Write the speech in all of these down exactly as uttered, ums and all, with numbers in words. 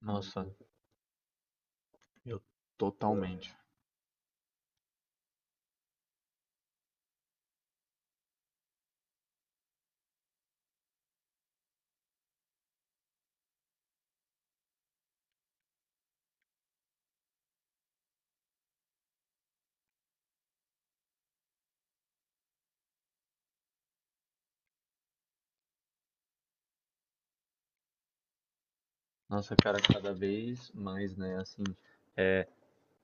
Nossa, eu totalmente. Nossa, cara, cada vez mais, né? Assim,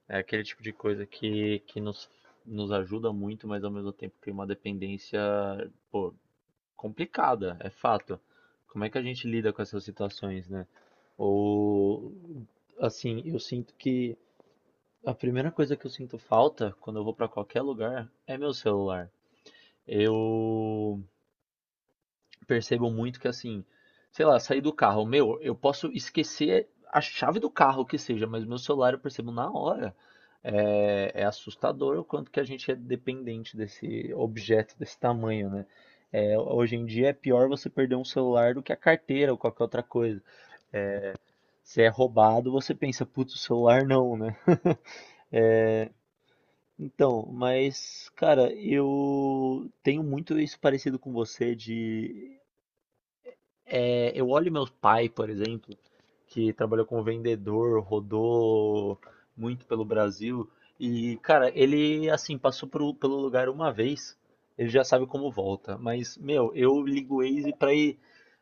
é aquele tipo de coisa que, que nos, nos ajuda muito, mas ao mesmo tempo tem uma dependência, pô, complicada, é fato. Como é que a gente lida com essas situações, né? Ou, assim, eu sinto que a primeira coisa que eu sinto falta quando eu vou pra qualquer lugar é meu celular. Eu percebo muito que assim, sei lá, sair do carro, meu, eu posso esquecer a chave do carro que seja, mas meu celular eu percebo na hora. É, é assustador o quanto que a gente é dependente desse objeto desse tamanho, né? É, hoje em dia é pior você perder um celular do que a carteira ou qualquer outra coisa. Se é roubado, você pensa, putz, o celular não, né? Então, mas, cara, eu tenho muito isso parecido com você de é, eu olho meu pai, por exemplo, que trabalhou como vendedor, rodou muito pelo Brasil, e, cara, ele, assim, passou pro- pelo lugar uma vez, ele já sabe como volta. Mas, meu, eu ligo o Waze pra ir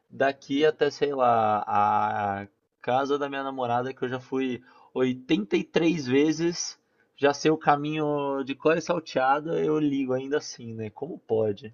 daqui até, sei lá, a casa da minha namorada, que eu já fui oitenta e três vezes, já sei o caminho de cor e salteado, eu ligo ainda assim, né? Como pode?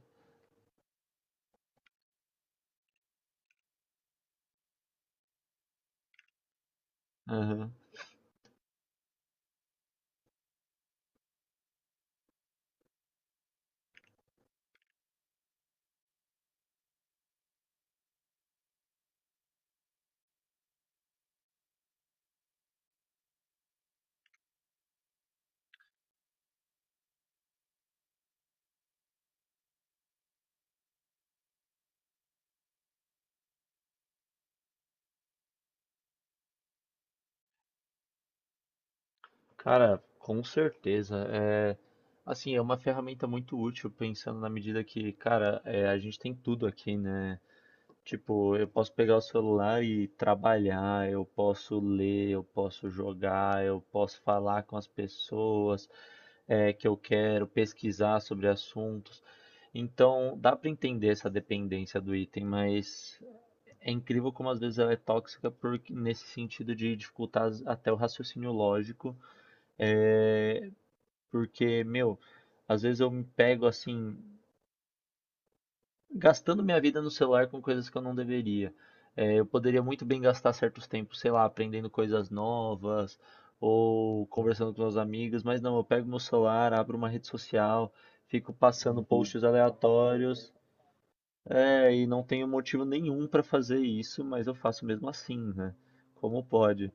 Cara, com certeza. É, assim, é uma ferramenta muito útil, pensando na medida que, cara, é, a gente tem tudo aqui, né? Tipo, eu posso pegar o celular e trabalhar, eu posso ler, eu posso jogar, eu posso falar com as pessoas, é, que eu quero, pesquisar sobre assuntos. Então, dá para entender essa dependência do item, mas é incrível como às vezes ela é tóxica porque, nesse sentido de dificultar as- até o raciocínio lógico. É, porque, meu, às vezes eu me pego assim, gastando minha vida no celular com coisas que eu não deveria. É, eu poderia muito bem gastar certos tempos, sei lá, aprendendo coisas novas ou conversando com meus amigos, mas não, eu pego meu celular, abro uma rede social, fico passando posts aleatórios, é, e não tenho motivo nenhum para fazer isso, mas eu faço mesmo assim, né? Como pode?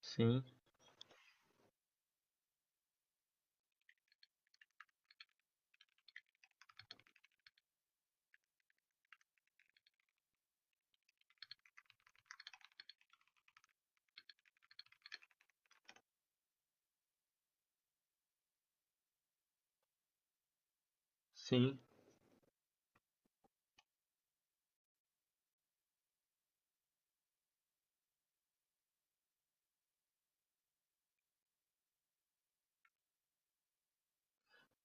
Sim, sim.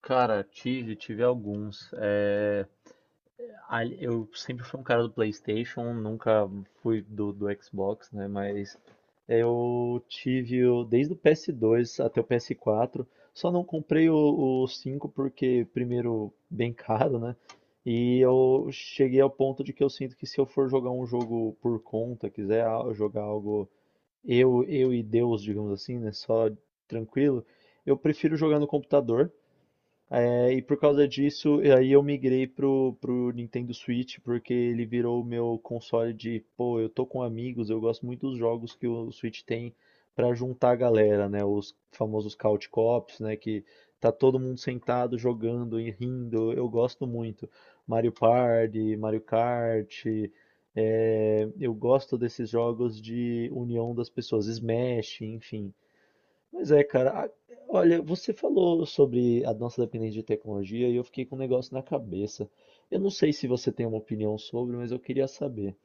Cara, tive, tive alguns. É, ali- eu sempre fui um cara do PlayStation, nunca fui do, do Xbox, né? Mas eu tive o- desde o P S dois até o P S quatro. Só não comprei o, o cinco porque, primeiro, bem caro, né? E eu cheguei ao ponto de que eu sinto que se eu for jogar um jogo por conta, quiser al- jogar algo eu, eu e Deus, digamos assim, né? Só tranquilo, eu prefiro jogar no computador. É, e por causa disso, e aí eu migrei pro, pro Nintendo Switch, porque ele virou o meu console de, pô, eu tô com amigos, eu gosto muito dos jogos que o Switch tem pra juntar a galera, né? Os famosos couch co-ops, né? Que tá todo mundo sentado jogando e rindo, eu gosto muito. Mario Party, Mario Kart, é, eu gosto desses jogos de união das pessoas, Smash, enfim. Mas é, cara. A- olha, você falou sobre a nossa dependência de tecnologia e eu fiquei com um negócio na cabeça. Eu não sei se você tem uma opinião sobre, mas eu queria saber.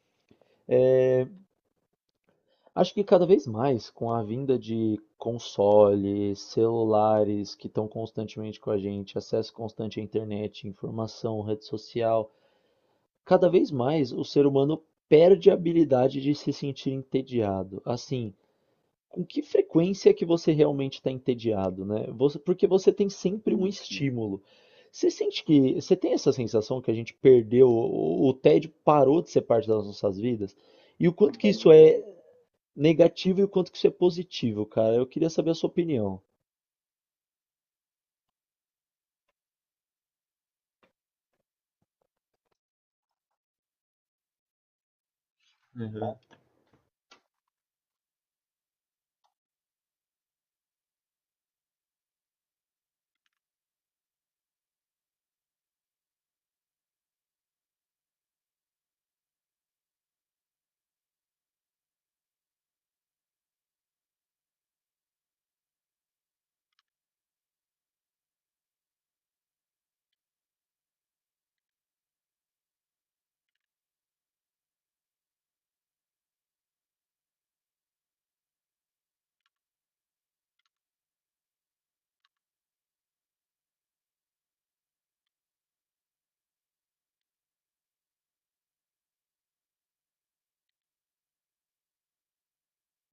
Acho que cada vez mais, com a vinda de consoles, celulares que estão constantemente com a gente, acesso constante à internet, informação, rede social, cada vez mais o ser humano perde a habilidade de se sentir entediado. Assim, com que frequência que você realmente está entediado, né? Você- porque você tem sempre um estímulo. Você sente que, você tem essa sensação que a gente perdeu, o, o tédio parou de ser parte das nossas vidas? E o quanto que isso é negativo e o quanto que isso é positivo, cara? Eu queria saber a sua opinião.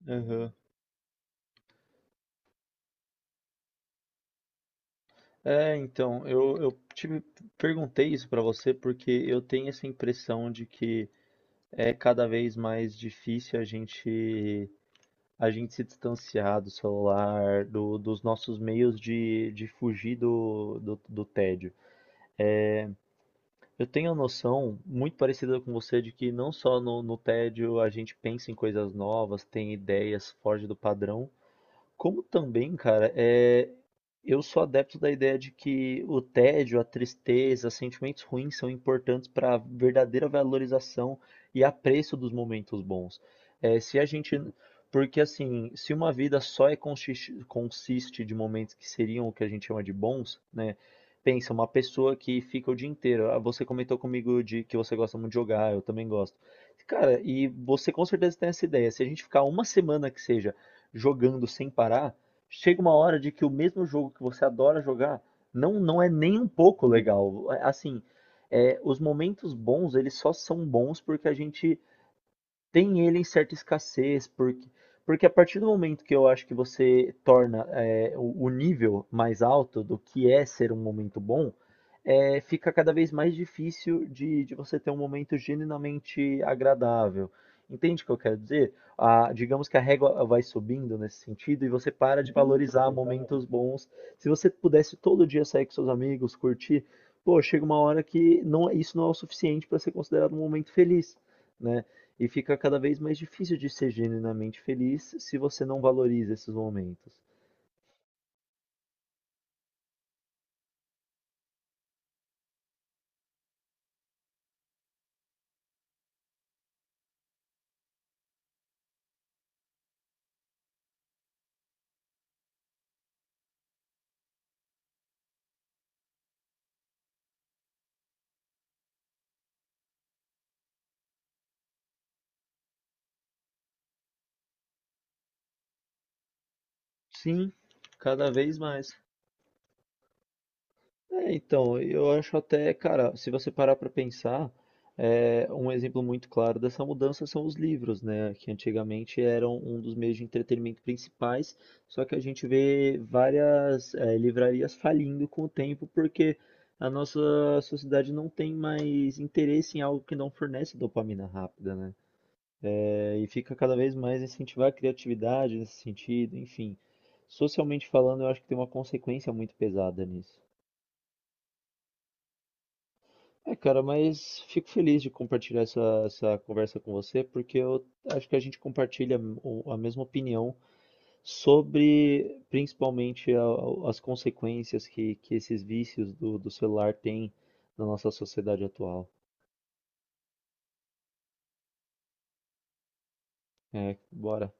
Aham. É, então, eu, eu tive, perguntei isso pra você porque eu tenho essa impressão de que é cada vez mais difícil a gente a gente se distanciar do celular, do- dos nossos meios de, de fugir do, do, do tédio. Eu tenho a noção muito parecida com você de que não só no, no tédio a gente pensa em coisas novas, tem ideias, foge do padrão, como também, cara, é, eu sou adepto da ideia de que o tédio, a tristeza, sentimentos ruins são importantes para a verdadeira valorização e apreço dos momentos bons. É, se a gente, porque assim, se uma vida só é consiste, consiste de momentos que seriam o que a gente chama de bons, né? Pensa, uma pessoa que fica o dia inteiro. Ah, você comentou comigo de que você gosta muito de jogar, eu também gosto. Cara, e você com certeza tem essa ideia. Se a gente ficar uma semana que seja jogando sem parar, chega uma hora de que o mesmo jogo que você adora jogar não, não é nem um pouco legal. É, assim, é, os momentos bons, eles só são bons porque a gente tem ele em certa escassez, porque, porque a partir do momento que eu acho que você torna é, o, o nível mais alto do que é ser um momento bom, é, fica cada vez mais difícil de, de você ter um momento genuinamente agradável. Entende o que eu quero dizer? A- digamos que a régua vai subindo nesse sentido e você para de valorizar momentos bons. Se você pudesse todo dia sair com seus amigos, curtir, pô, chega uma hora que não, é, isso não é o suficiente para ser considerado um momento feliz, né? E fica cada vez mais difícil de ser genuinamente feliz se você não valoriza esses momentos. Sim, cada vez mais. É, então, eu acho até, cara, se você parar para pensar, é, um exemplo muito claro dessa mudança são os livros, né? Que antigamente eram um dos meios de entretenimento principais, só que a gente vê várias, é, livrarias falindo com o tempo porque a nossa sociedade não tem mais interesse em algo que não fornece dopamina rápida, né? É, e fica cada vez mais incentivar a criatividade nesse sentido, enfim. Socialmente falando, eu acho que tem uma consequência muito pesada nisso. É, cara, mas fico feliz de compartilhar essa, essa conversa com você, porque eu acho que a gente compartilha o- a mesma opinião sobre, principalmente, a- as consequências que, que esses vícios do, do celular têm na nossa sociedade atual. É, bora.